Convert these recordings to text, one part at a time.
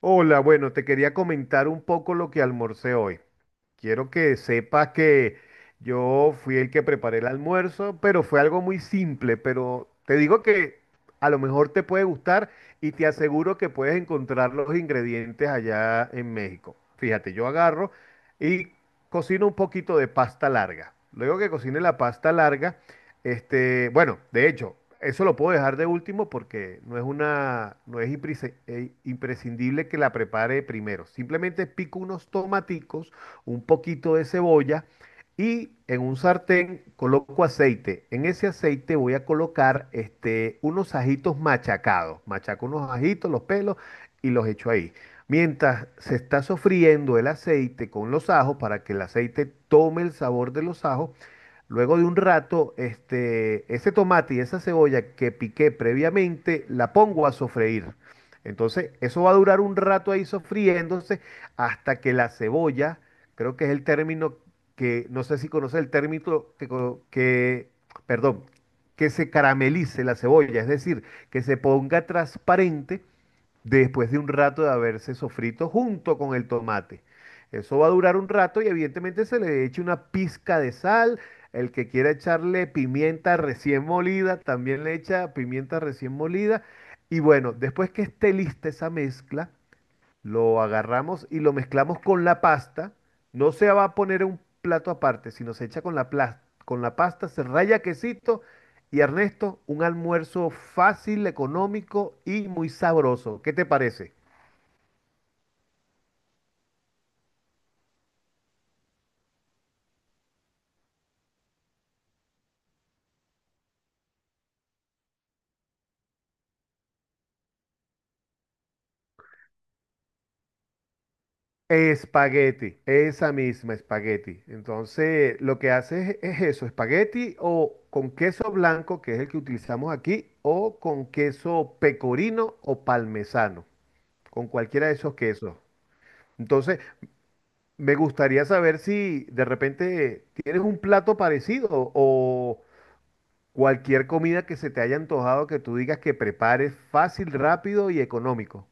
Hola, bueno, te quería comentar un poco lo que almorcé hoy. Quiero que sepas que yo fui el que preparé el almuerzo, pero fue algo muy simple, pero te digo que a lo mejor te puede gustar y te aseguro que puedes encontrar los ingredientes allá en México. Fíjate, yo agarro y cocino un poquito de pasta larga. Luego que cocine la pasta larga, bueno, de hecho, eso lo puedo dejar de último porque no es una, no es imprescindible que la prepare primero. Simplemente pico unos tomaticos, un poquito de cebolla y en un sartén coloco aceite. En ese aceite voy a colocar unos ajitos machacados. Machaco unos ajitos, los pelos y los echo ahí. Mientras se está sofriendo el aceite con los ajos para que el aceite tome el sabor de los ajos, luego de un rato, ese tomate y esa cebolla que piqué previamente, la pongo a sofreír. Entonces, eso va a durar un rato ahí sofriéndose hasta que la cebolla, creo que es el término que, no sé si conoce el término perdón, que se caramelice la cebolla, es decir, que se ponga transparente después de un rato de haberse sofrito junto con el tomate. Eso va a durar un rato y evidentemente se le echa una pizca de sal. El que quiera echarle pimienta recién molida, también le echa pimienta recién molida. Y bueno, después que esté lista esa mezcla, lo agarramos y lo mezclamos con la pasta. No se va a poner en un plato aparte, sino se echa con la pasta, se raya quesito y Ernesto, un almuerzo fácil, económico y muy sabroso. ¿Qué te parece? Espagueti, esa misma espagueti. Entonces, lo que haces es eso, espagueti o con queso blanco, que es el que utilizamos aquí, o con queso pecorino o parmesano, con cualquiera de esos quesos. Entonces, me gustaría saber si de repente tienes un plato parecido o cualquier comida que se te haya antojado que tú digas que prepares fácil, rápido y económico.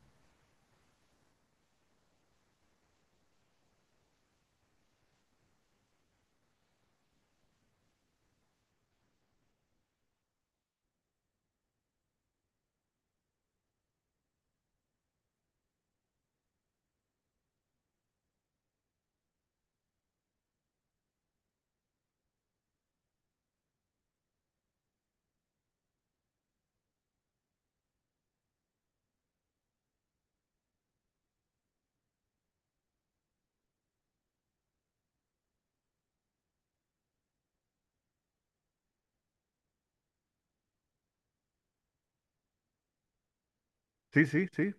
Sí, sí, sí.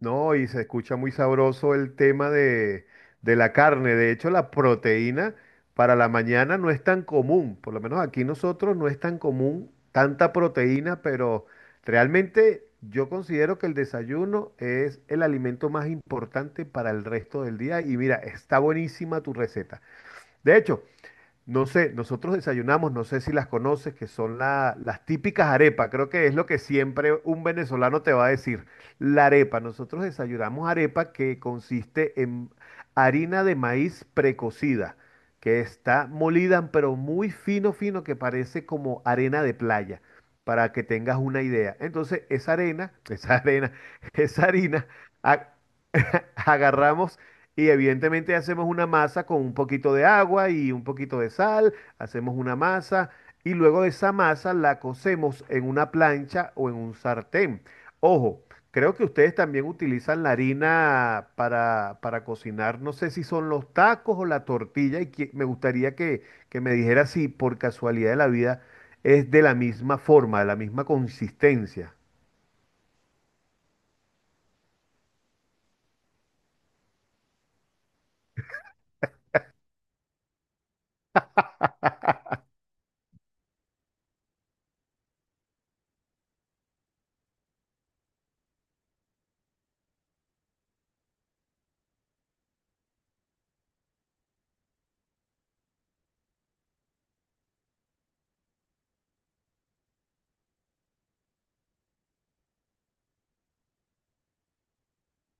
No, y se escucha muy sabroso el tema de la carne. De hecho, la proteína para la mañana no es tan común. Por lo menos aquí nosotros no es tan común tanta proteína, pero realmente yo considero que el desayuno es el alimento más importante para el resto del día. Y mira, está buenísima tu receta. De hecho, no sé, nosotros desayunamos, no sé si las conoces, que son las típicas arepas. Creo que es lo que siempre un venezolano te va a decir. La arepa, nosotros desayunamos arepa que consiste en harina de maíz precocida, que está molida, pero muy fino, fino, que parece como arena de playa, para que tengas una idea. Entonces, esa arena, esa harina, ha- agarramos y evidentemente hacemos una masa con un poquito de agua y un poquito de sal, hacemos una masa y luego de esa masa la cocemos en una plancha o en un sartén. Ojo, creo que ustedes también utilizan la harina para cocinar, no sé si son los tacos o la tortilla me gustaría que me dijera si por casualidad de la vida es de la misma forma, de la misma consistencia.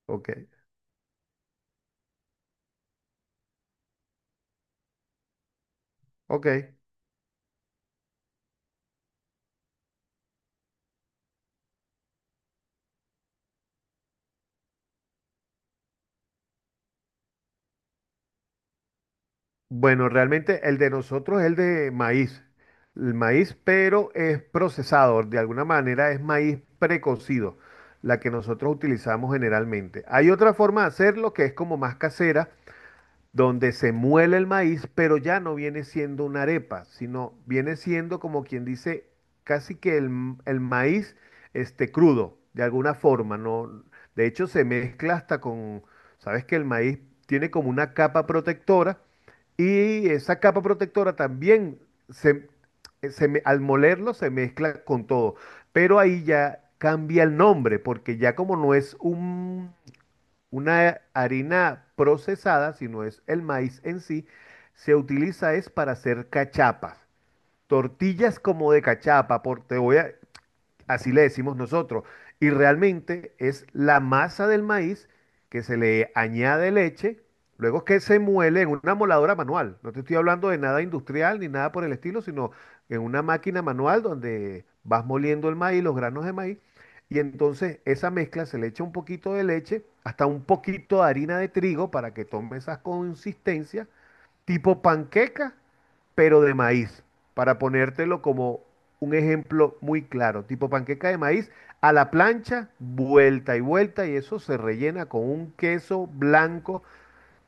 Ok, ok. Bueno, realmente el de nosotros es el de maíz. El maíz, pero es procesado, de alguna manera es maíz precocido, la que nosotros utilizamos generalmente. Hay otra forma de hacerlo que es como más casera, donde se muele el maíz, pero ya no viene siendo una arepa, sino viene siendo como quien dice casi que el maíz este crudo, de alguna forma, ¿no? De hecho, se mezcla hasta con, sabes que el maíz tiene como una capa protectora y esa capa protectora también se, al molerlo se mezcla con todo, pero ahí ya cambia el nombre, porque ya como no es un una harina procesada, si no es el maíz en sí, se utiliza es para hacer cachapas. Tortillas como de cachapa, por, te voy a, así le decimos nosotros. Y realmente es la masa del maíz que se le añade leche, luego que se muele en una moladora manual. No te estoy hablando de nada industrial ni nada por el estilo, sino en una máquina manual donde vas moliendo el maíz, los granos de maíz. Y entonces esa mezcla se le echa un poquito de leche, hasta un poquito de harina de trigo para que tome esas consistencias tipo panqueca, pero de maíz, para ponértelo como un ejemplo muy claro, tipo panqueca de maíz a la plancha, vuelta y vuelta, y eso se rellena con un queso blanco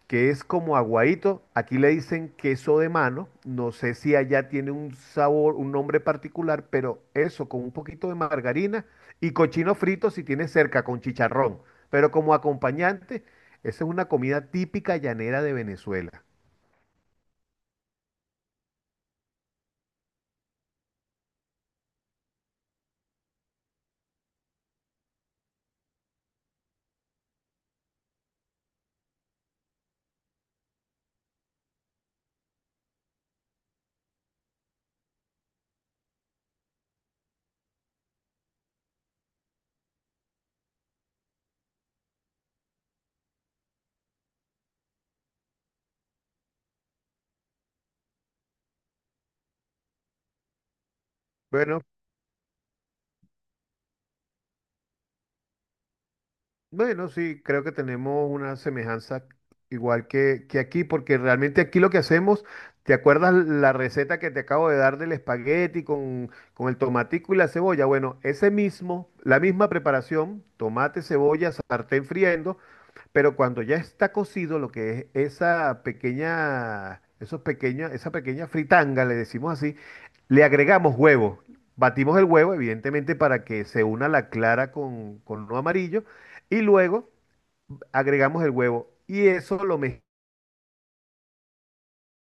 que es como aguadito, aquí le dicen queso de mano, no sé si allá tiene un sabor, un nombre particular, pero eso con un poquito de margarina y cochino frito si tiene cerca con chicharrón, pero como acompañante, esa es una comida típica llanera de Venezuela. Bueno, bueno, sí, creo que tenemos una semejanza igual que aquí, porque realmente aquí lo que hacemos, ¿te acuerdas la receta que te acabo de dar del espagueti con el tomatico y la cebolla? Bueno, ese mismo, la misma preparación, tomate, cebolla, sartén friendo, pero cuando ya está cocido, lo que es esa pequeña, esos pequeños, esa pequeña fritanga, le decimos así, le agregamos huevo. Batimos el huevo, evidentemente, para que se una la clara con lo amarillo. Y luego agregamos el huevo. Y eso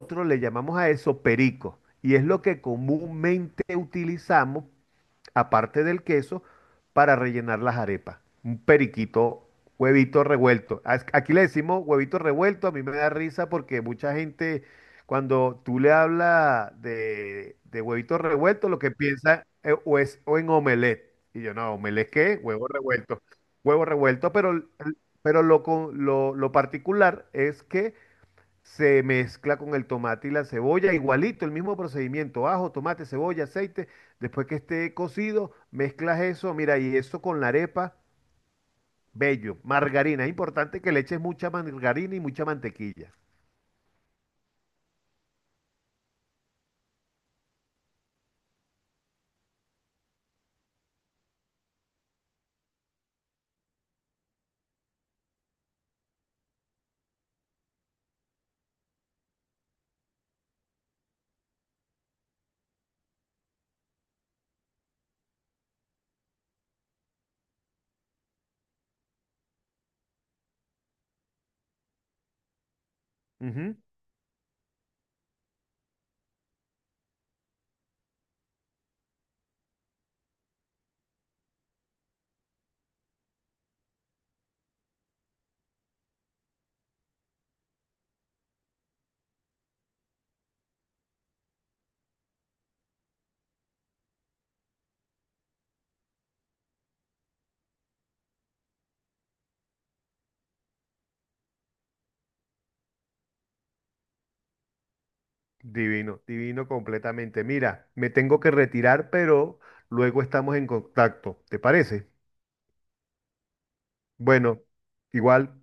nosotros le llamamos a eso perico. Y es lo que comúnmente utilizamos aparte del queso, para rellenar las arepas. Un periquito, huevito revuelto. Aquí le decimos huevito revuelto, a mí me da risa porque mucha gente, cuando tú le hablas de huevito revuelto, lo que piensa o es o en omelette. Y yo, no, ¿omelette qué? Huevo revuelto. Huevo revuelto, pero, lo particular es que se mezcla con el tomate y la cebolla, igualito, el mismo procedimiento, ajo, tomate, cebolla, aceite, después que esté cocido, mezclas eso, mira, y eso con la arepa, bello, margarina, es importante que le eches mucha margarina y mucha mantequilla. Ujú, divino, divino completamente. Mira, me tengo que retirar, pero luego estamos en contacto, ¿te parece? Bueno, igual.